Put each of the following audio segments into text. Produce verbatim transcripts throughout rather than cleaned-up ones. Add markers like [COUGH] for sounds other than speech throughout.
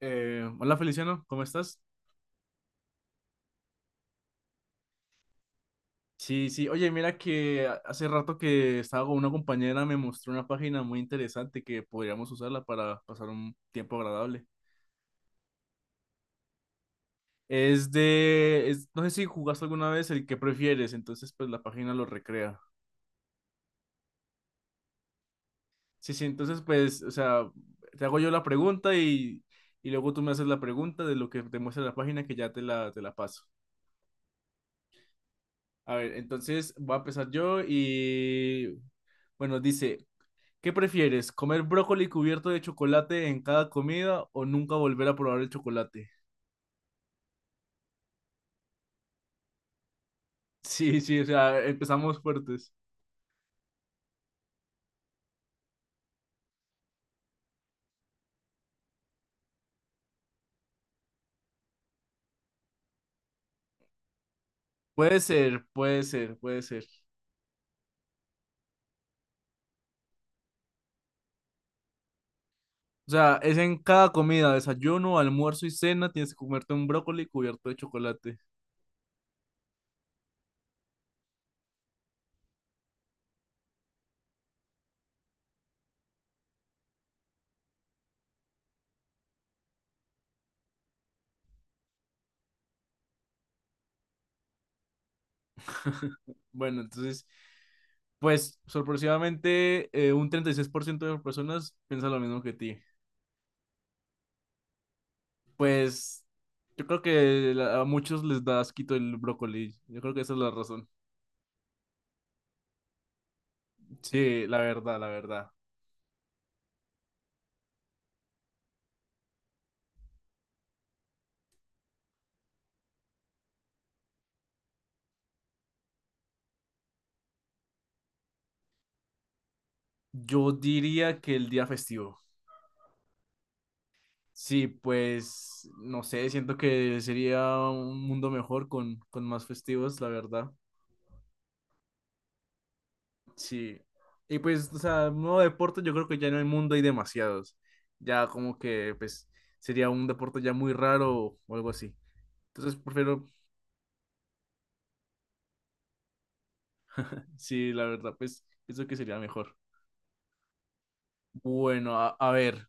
Eh, hola Feliciano, ¿cómo estás? Sí, sí, oye, mira que a- hace rato que estaba con una compañera, me mostró una página muy interesante que podríamos usarla para pasar un tiempo agradable. Es de, es- no sé si jugaste alguna vez el que prefieres, entonces pues la página lo recrea. Sí, sí, entonces pues, o sea, te hago yo la pregunta y, y luego tú me haces la pregunta de lo que te muestra la página que ya te la, te la paso. A ver, entonces voy a empezar yo y bueno, dice... ¿Qué prefieres? ¿Comer brócoli cubierto de chocolate en cada comida o nunca volver a probar el chocolate? [LAUGHS] Sí, sí, o sea, empezamos fuertes. Puede ser, puede ser, puede ser. O sea, es en cada comida, desayuno, almuerzo y cena, tienes que comerte un brócoli cubierto de chocolate. [LAUGHS] Bueno, entonces, pues sorpresivamente eh, un treinta y seis por ciento de las personas piensa lo mismo que ti. Pues yo creo que la- a muchos les da asquito el brócoli. Yo creo que esa es la razón. Sí, la verdad, la verdad. Yo diría que el día festivo. Sí, pues no sé, siento que sería un mundo mejor con, con más festivos, la verdad. Sí. Y pues, o sea, nuevo deporte, yo creo que ya en el mundo hay demasiados. Ya como que, pues, sería un deporte ya muy raro o algo así. Entonces, prefiero, sí, la verdad, pues, pienso que sería mejor. Bueno, a, a ver,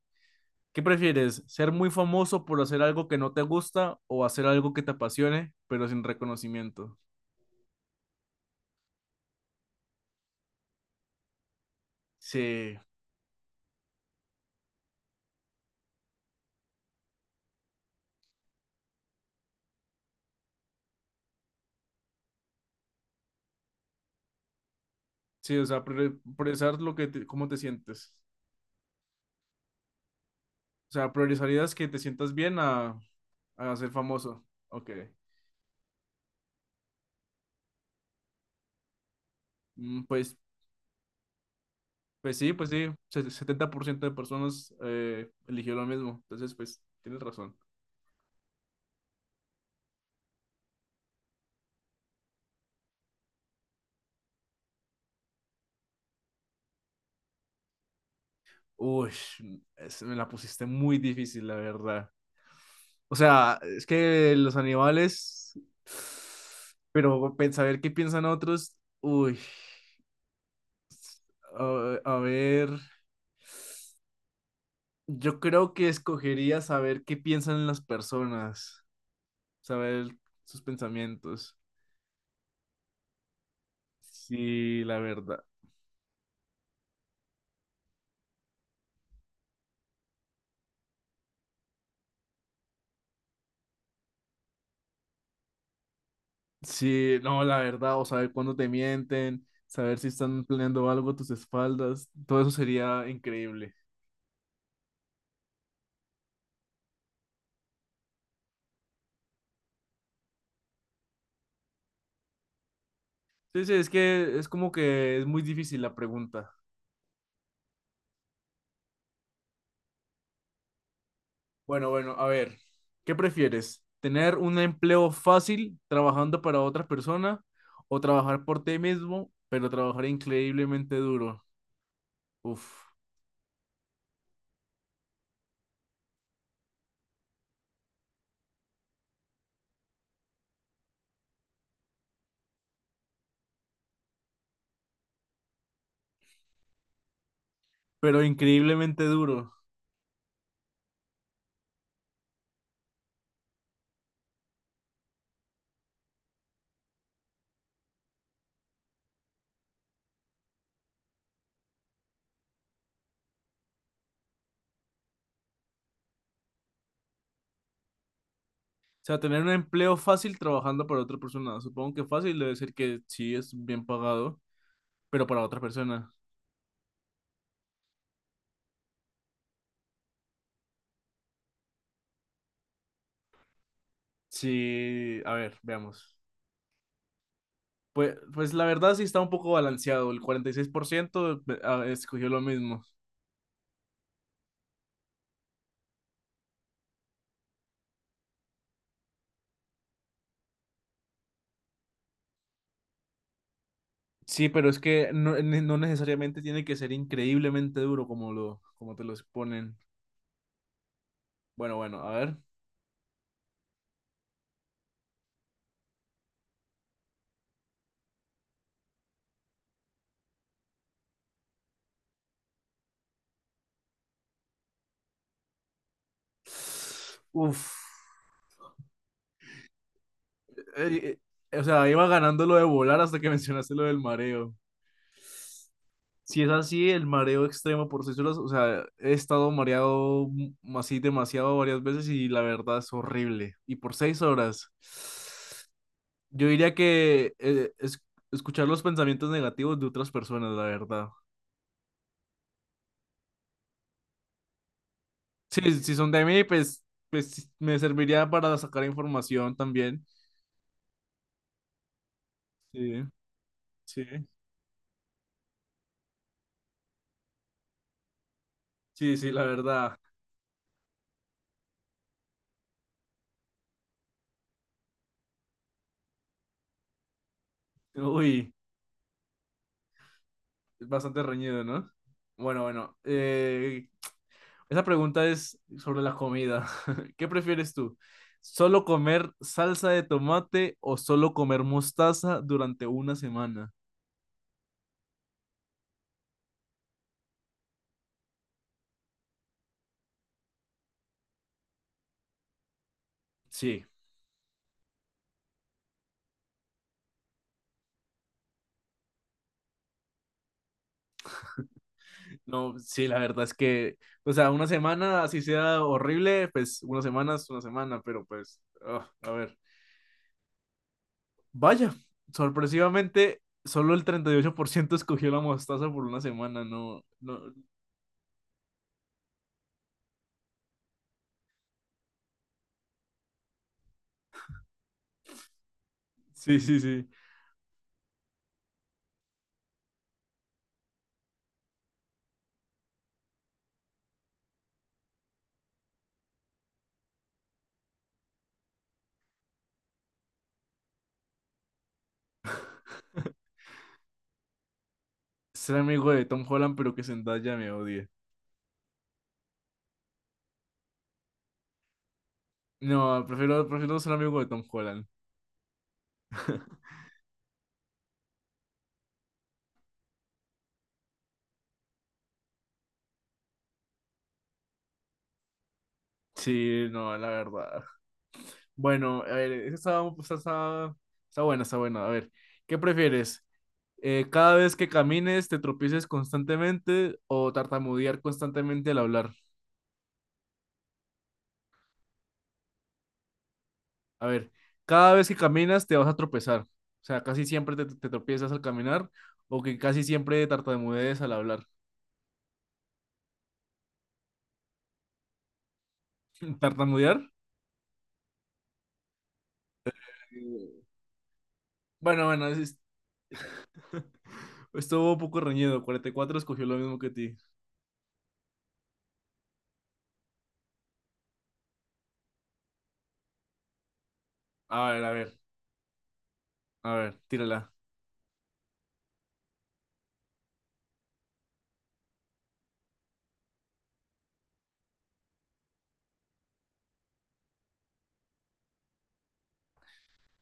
¿qué prefieres? ¿Ser muy famoso por hacer algo que no te gusta o hacer algo que te apasione, pero sin reconocimiento? Sí. Sí, o sea, priori- priorizar lo que te- cómo te sientes. O sea, priorizarías que te sientas bien a, a ser famoso. Ok. Mm, pues, pues sí, pues sí. Se- setenta por ciento de personas eh, eligió lo mismo. Entonces, pues, tienes razón. Uy, es- me la pusiste muy difícil, la verdad. O sea, es que los animales, pero pen- saber qué piensan otros, uy, a a ver, yo creo que escogería saber qué piensan las personas. Saber sus pensamientos. Sí, la verdad. Sí, no, la verdad, o saber cuándo te mienten, saber si están planeando algo a tus espaldas, todo eso sería increíble. Sí, sí, es que es como que es muy difícil la pregunta. Bueno, bueno, a ver, ¿qué prefieres? ¿Tener un empleo fácil trabajando para otra persona o trabajar por ti mismo, pero trabajar increíblemente duro? Uf, pero increíblemente duro. O sea, tener un empleo fácil trabajando para otra persona. Supongo que fácil debe ser que sí es bien pagado, pero para otra persona. Sí, a ver, veamos. Pues, pues la verdad sí está un poco balanceado. El cuarenta y seis por ciento ve- ah, escogió lo mismo. Sí, pero es que no, ne- no necesariamente tiene que ser increíblemente duro como lo, como te lo exponen. Bueno, bueno, a ver. Uf. Eh, eh, o sea, iba ganando lo de volar hasta que [LAUGHS] mencionaste lo del mareo. Si es así, el mareo extremo por seis horas o sea, he estado mareado m- así demasiado varias veces y la verdad es horrible. Y por seis horas, yo diría que eh, es- escuchar los pensamientos negativos de otras personas, la verdad. Sí, si son de mí, pues, pues me serviría para sacar información también. Sí, sí, sí, sí, la verdad. Uy, es bastante reñido, ¿no? Bueno, bueno, eh, esa pregunta es sobre la comida. [LAUGHS] ¿Qué prefieres tú? ¿Solo comer salsa de tomate o solo comer mostaza durante una semana? Sí, no, sí, la verdad es que, o sea, una semana, así sea horrible, pues una semana es una semana, pero pues, ah, a ver. Vaya, sorpresivamente, solo el treinta y ocho por ciento escogió la mostaza por una semana, no, no, sí, sí, sí. Ser amigo de Tom Holland, pero que Zendaya me odie. No, prefiero, prefiero ser amigo de Tom Holland. Sí, no, la verdad. Bueno, a ver, esa está, está, está, está buena, está buena. A ver, ¿qué prefieres? Eh, ¿cada vez que camines te tropieces constantemente o tartamudear constantemente al hablar? A ver, cada vez que caminas te vas a tropezar. O sea, casi siempre te, te tropiezas al caminar o que casi siempre tartamudees al hablar. [LAUGHS] ¿Tartamudear? Eh, Bueno, bueno, es- es- [LAUGHS] estuvo un poco reñido. Cuarenta y cuatro escogió lo mismo que ti. A ver, a ver, a ver, tírala.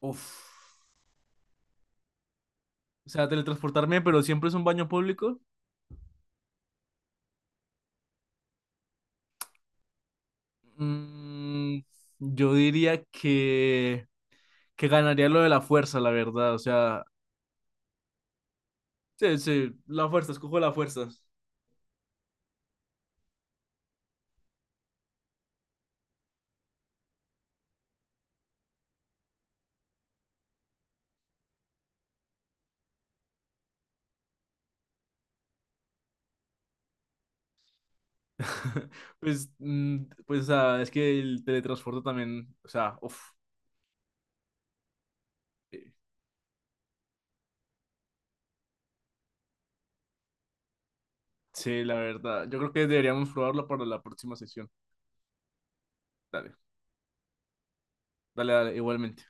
Uf. O sea, teletransportarme, pero siempre es un baño público. Mm, yo diría que, que ganaría lo de la fuerza, la verdad. O sea, sí, sí, la fuerza, escojo la fuerza. [LAUGHS] Pues, mm, pues, o sea, es que el teletransporte también, o sea, uff, sí, la verdad. Yo creo que deberíamos probarlo para la próxima sesión. Dale, dale, dale, igualmente.